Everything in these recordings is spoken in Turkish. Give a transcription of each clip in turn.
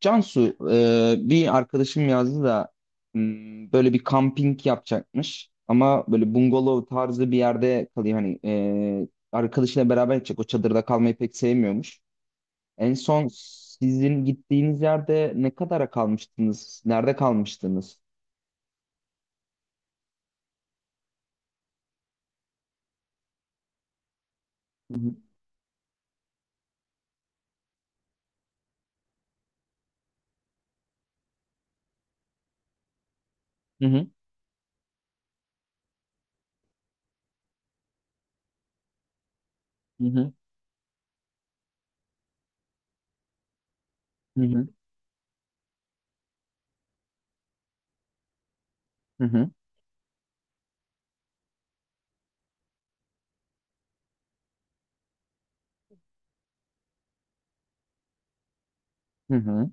Cansu, bir arkadaşım yazdı da böyle bir kamping yapacakmış ama böyle bungalov tarzı bir yerde kalıyor hani arkadaşıyla beraber gidecek o çadırda kalmayı pek sevmiyormuş. En son sizin gittiğiniz yerde ne kadara kalmıştınız? Nerede kalmıştınız? Hı hı, hı hı, hı hı, hı hı, hı hı.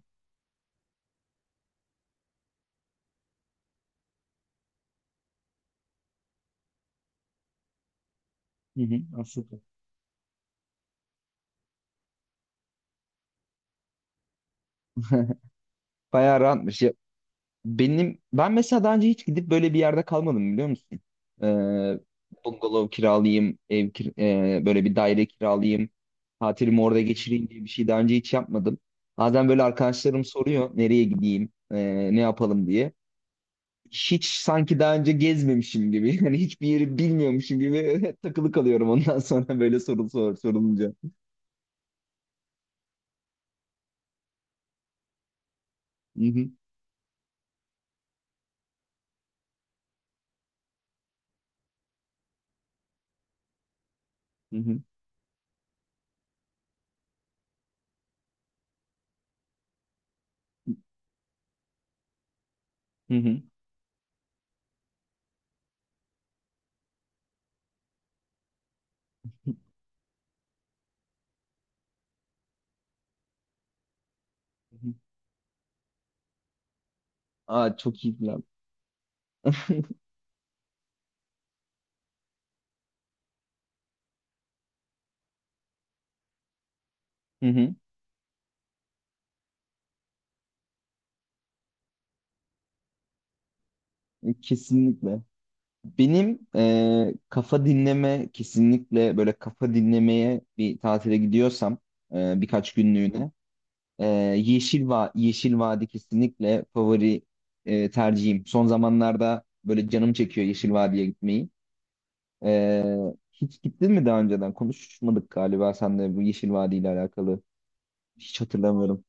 Hı hı. Aslında. Bayağı rahatmış. Ben mesela daha önce hiç gidip böyle bir yerde kalmadım, biliyor musun? Ee, Bungalov kiralayayım, böyle bir daire kiralayayım, tatilimi orada geçireyim diye bir şey daha önce hiç yapmadım. Bazen böyle arkadaşlarım soruyor nereye gideyim, ne yapalım diye. Hiç sanki daha önce gezmemişim gibi, yani hiçbir yeri bilmiyormuşum gibi takılı kalıyorum ondan sonra böyle sorulunca. Hı hı, hı hı, hı hı, hı hı. Aa, çok iyi plan. Hı hı, kesinlikle. Kafa dinleme, kesinlikle böyle kafa dinlemeye bir tatile gidiyorsam, birkaç günlüğüne, e, Yeşil Vadi kesinlikle favori tercihim. Son zamanlarda böyle canım çekiyor Yeşil Vadi'ye gitmeyi. E, Hiç gittin mi daha önceden? Konuşmadık galiba sen de bu Yeşil Vadi ile alakalı. Hiç hatırlamıyorum.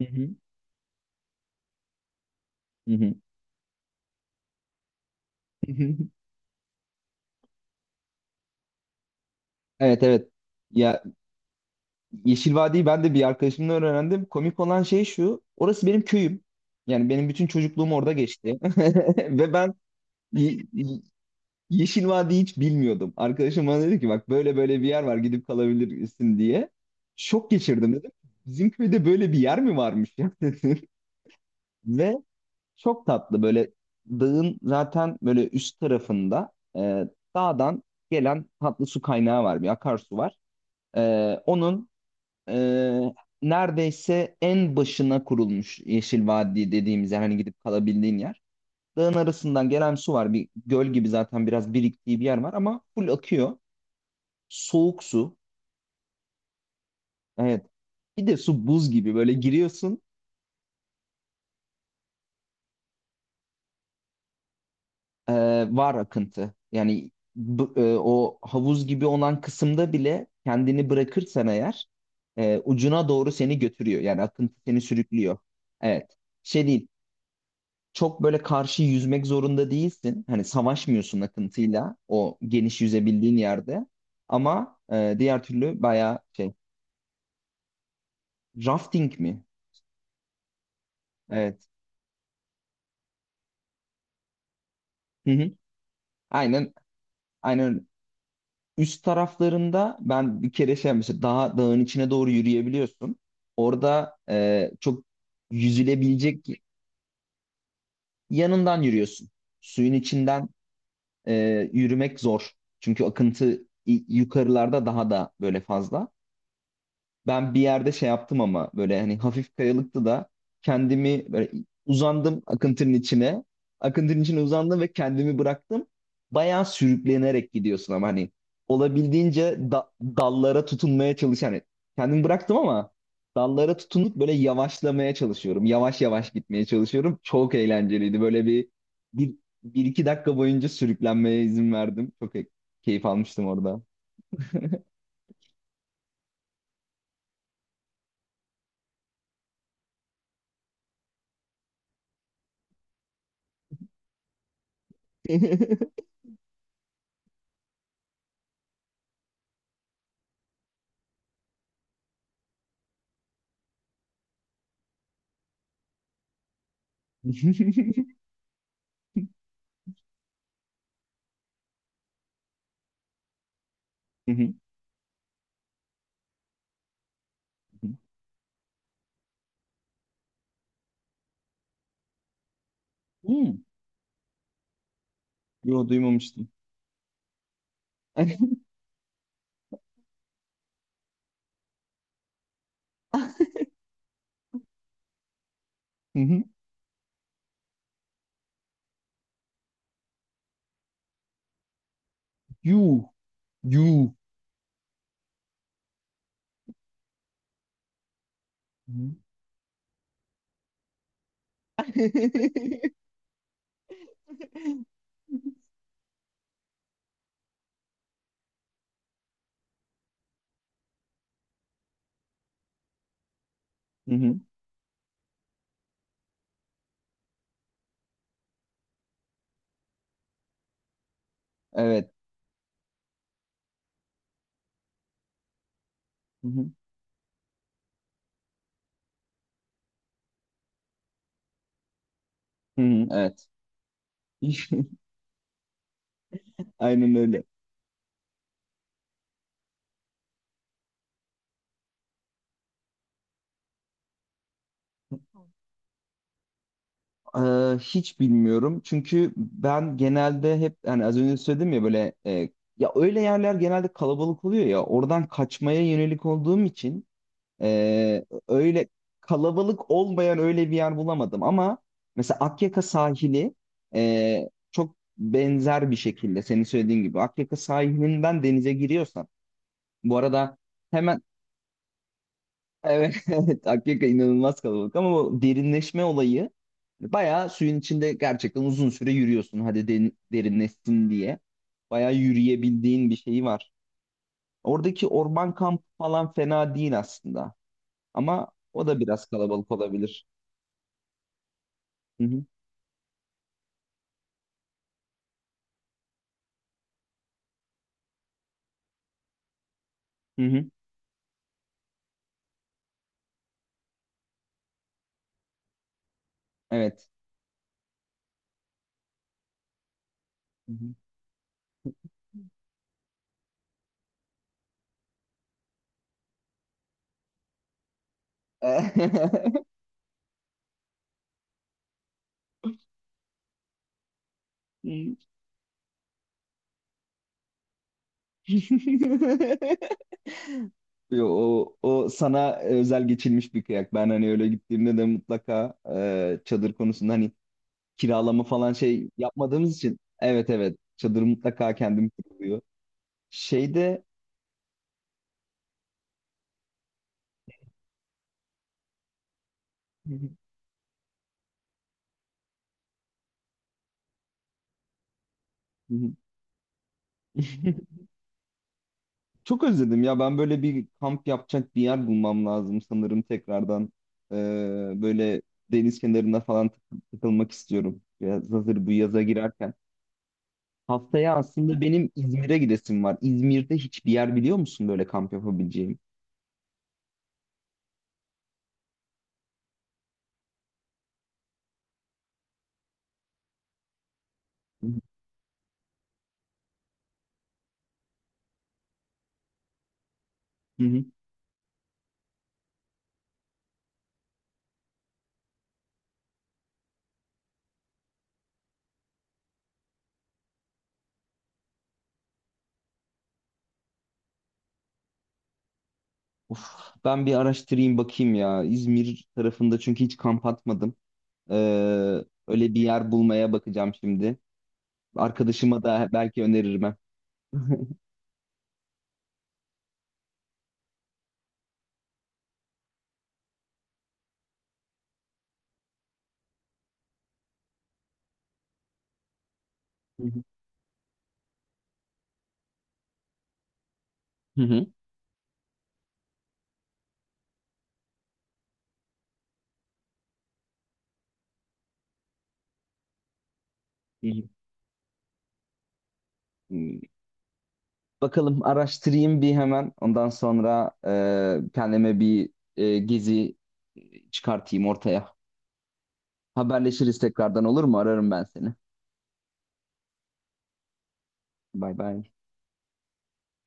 Hı hı. Hı hı. Evet, evet. Ya, Yeşil Vadi'yi ben de bir arkadaşımdan öğrendim. Komik olan şey şu. Orası benim köyüm. Yani benim bütün çocukluğum orada geçti. Ve ben Ye- Ye- Yeşil Vadi'yi hiç bilmiyordum. Arkadaşım bana dedi ki bak böyle böyle bir yer var, gidip kalabilirsin diye. Şok geçirdim, dedim. Bizim köyde böyle bir yer mi varmış ya, dedim. Ve çok tatlı, böyle dağın zaten böyle üst tarafında, dağdan gelen tatlı su kaynağı var. Bir akarsu var. E, onun ee, Neredeyse en başına kurulmuş Yeşil Vadi dediğimiz yer, hani gidip kalabildiğin yer. Dağın arasından gelen su var. Bir göl gibi zaten biraz biriktiği bir yer var ama full akıyor. Soğuk su. Evet. Bir de su buz gibi böyle giriyorsun. ee, Var akıntı. Yani o havuz gibi olan kısımda bile kendini bırakırsan eğer ucuna doğru seni götürüyor. Yani akıntı seni sürüklüyor. Evet. Şey değil, çok böyle karşı yüzmek zorunda değilsin. Hani savaşmıyorsun akıntıyla o geniş yüzebildiğin yerde. Ama diğer türlü bayağı şey, rafting mi? Evet. Hı hı. Aynen aynen öyle. Üst taraflarında ben bir kere şey yapmıştım. Daha dağın içine doğru yürüyebiliyorsun. Orada çok yüzülebilecek yanından yürüyorsun. Suyun içinden e, yürümek zor. Çünkü akıntı yukarılarda daha da böyle fazla. Ben bir yerde şey yaptım, ama böyle hani hafif kayalıktı da kendimi böyle uzandım akıntının içine. Akıntının içine uzandım ve kendimi bıraktım. Bayağı sürüklenerek gidiyorsun ama hani olabildiğince dallara tutunmaya çalış. Hani kendimi bıraktım ama dallara tutunup böyle yavaşlamaya çalışıyorum. Yavaş yavaş gitmeye çalışıyorum. Çok eğlenceliydi. Böyle bir, bir iki dakika boyunca sürüklenmeye izin verdim. Keyif almıştım orada. Hmm. Yo, duymamıştım. Hı hı. You. You. Hı hı. Hı hı. Evet. Hı hı. Hı hı. Evet. Aynen öyle. Hiç bilmiyorum. Çünkü ben genelde hep hani az önce söyledim ya, böyle ya öyle yerler genelde kalabalık oluyor, ya oradan kaçmaya yönelik olduğum için öyle kalabalık olmayan öyle bir yer bulamadım, ama mesela Akyaka sahili çok benzer bir şekilde senin söylediğin gibi. Akyaka sahilinden denize giriyorsan bu arada, hemen evet, evet, Akyaka inanılmaz kalabalık, ama o derinleşme olayı bayağı suyun içinde gerçekten uzun süre yürüyorsun hadi derinleşsin diye, bayağı yürüyebildiğin bir şeyi var. Oradaki orman kampı falan fena değil aslında, ama o da biraz kalabalık olabilir. Hı hı. Hı hı. Evet. Hı hı. Yo, o sana özel geçilmiş bir kıyak. Ben hani öyle gittiğimde de mutlaka çadır konusunda hani kiralama falan şey yapmadığımız için. Evet, evet, çadır mutlaka kendim kuruluyor. Şeyde. Hı, çok özledim ya, ben böyle bir kamp yapacak bir yer bulmam lazım sanırım tekrardan. E, Böyle deniz kenarında falan takılmak istiyorum. Biraz hazır bu yaza girerken. Haftaya aslında benim İzmir'e gidesim var. İzmir'de hiçbir yer biliyor musun böyle kamp yapabileceğim? Hı hı. Of, ben bir araştırayım bakayım ya. İzmir tarafında çünkü hiç kamp atmadım. Ee, Öyle bir yer bulmaya bakacağım şimdi. Arkadaşıma da belki öneririm. Ha. Hı hı. Hı hı. Hmm, bakalım, araştırayım bir hemen. Ondan sonra kendime bir gezi çıkartayım ortaya. Haberleşiriz tekrardan, olur mu? Ararım ben seni. Bay bay.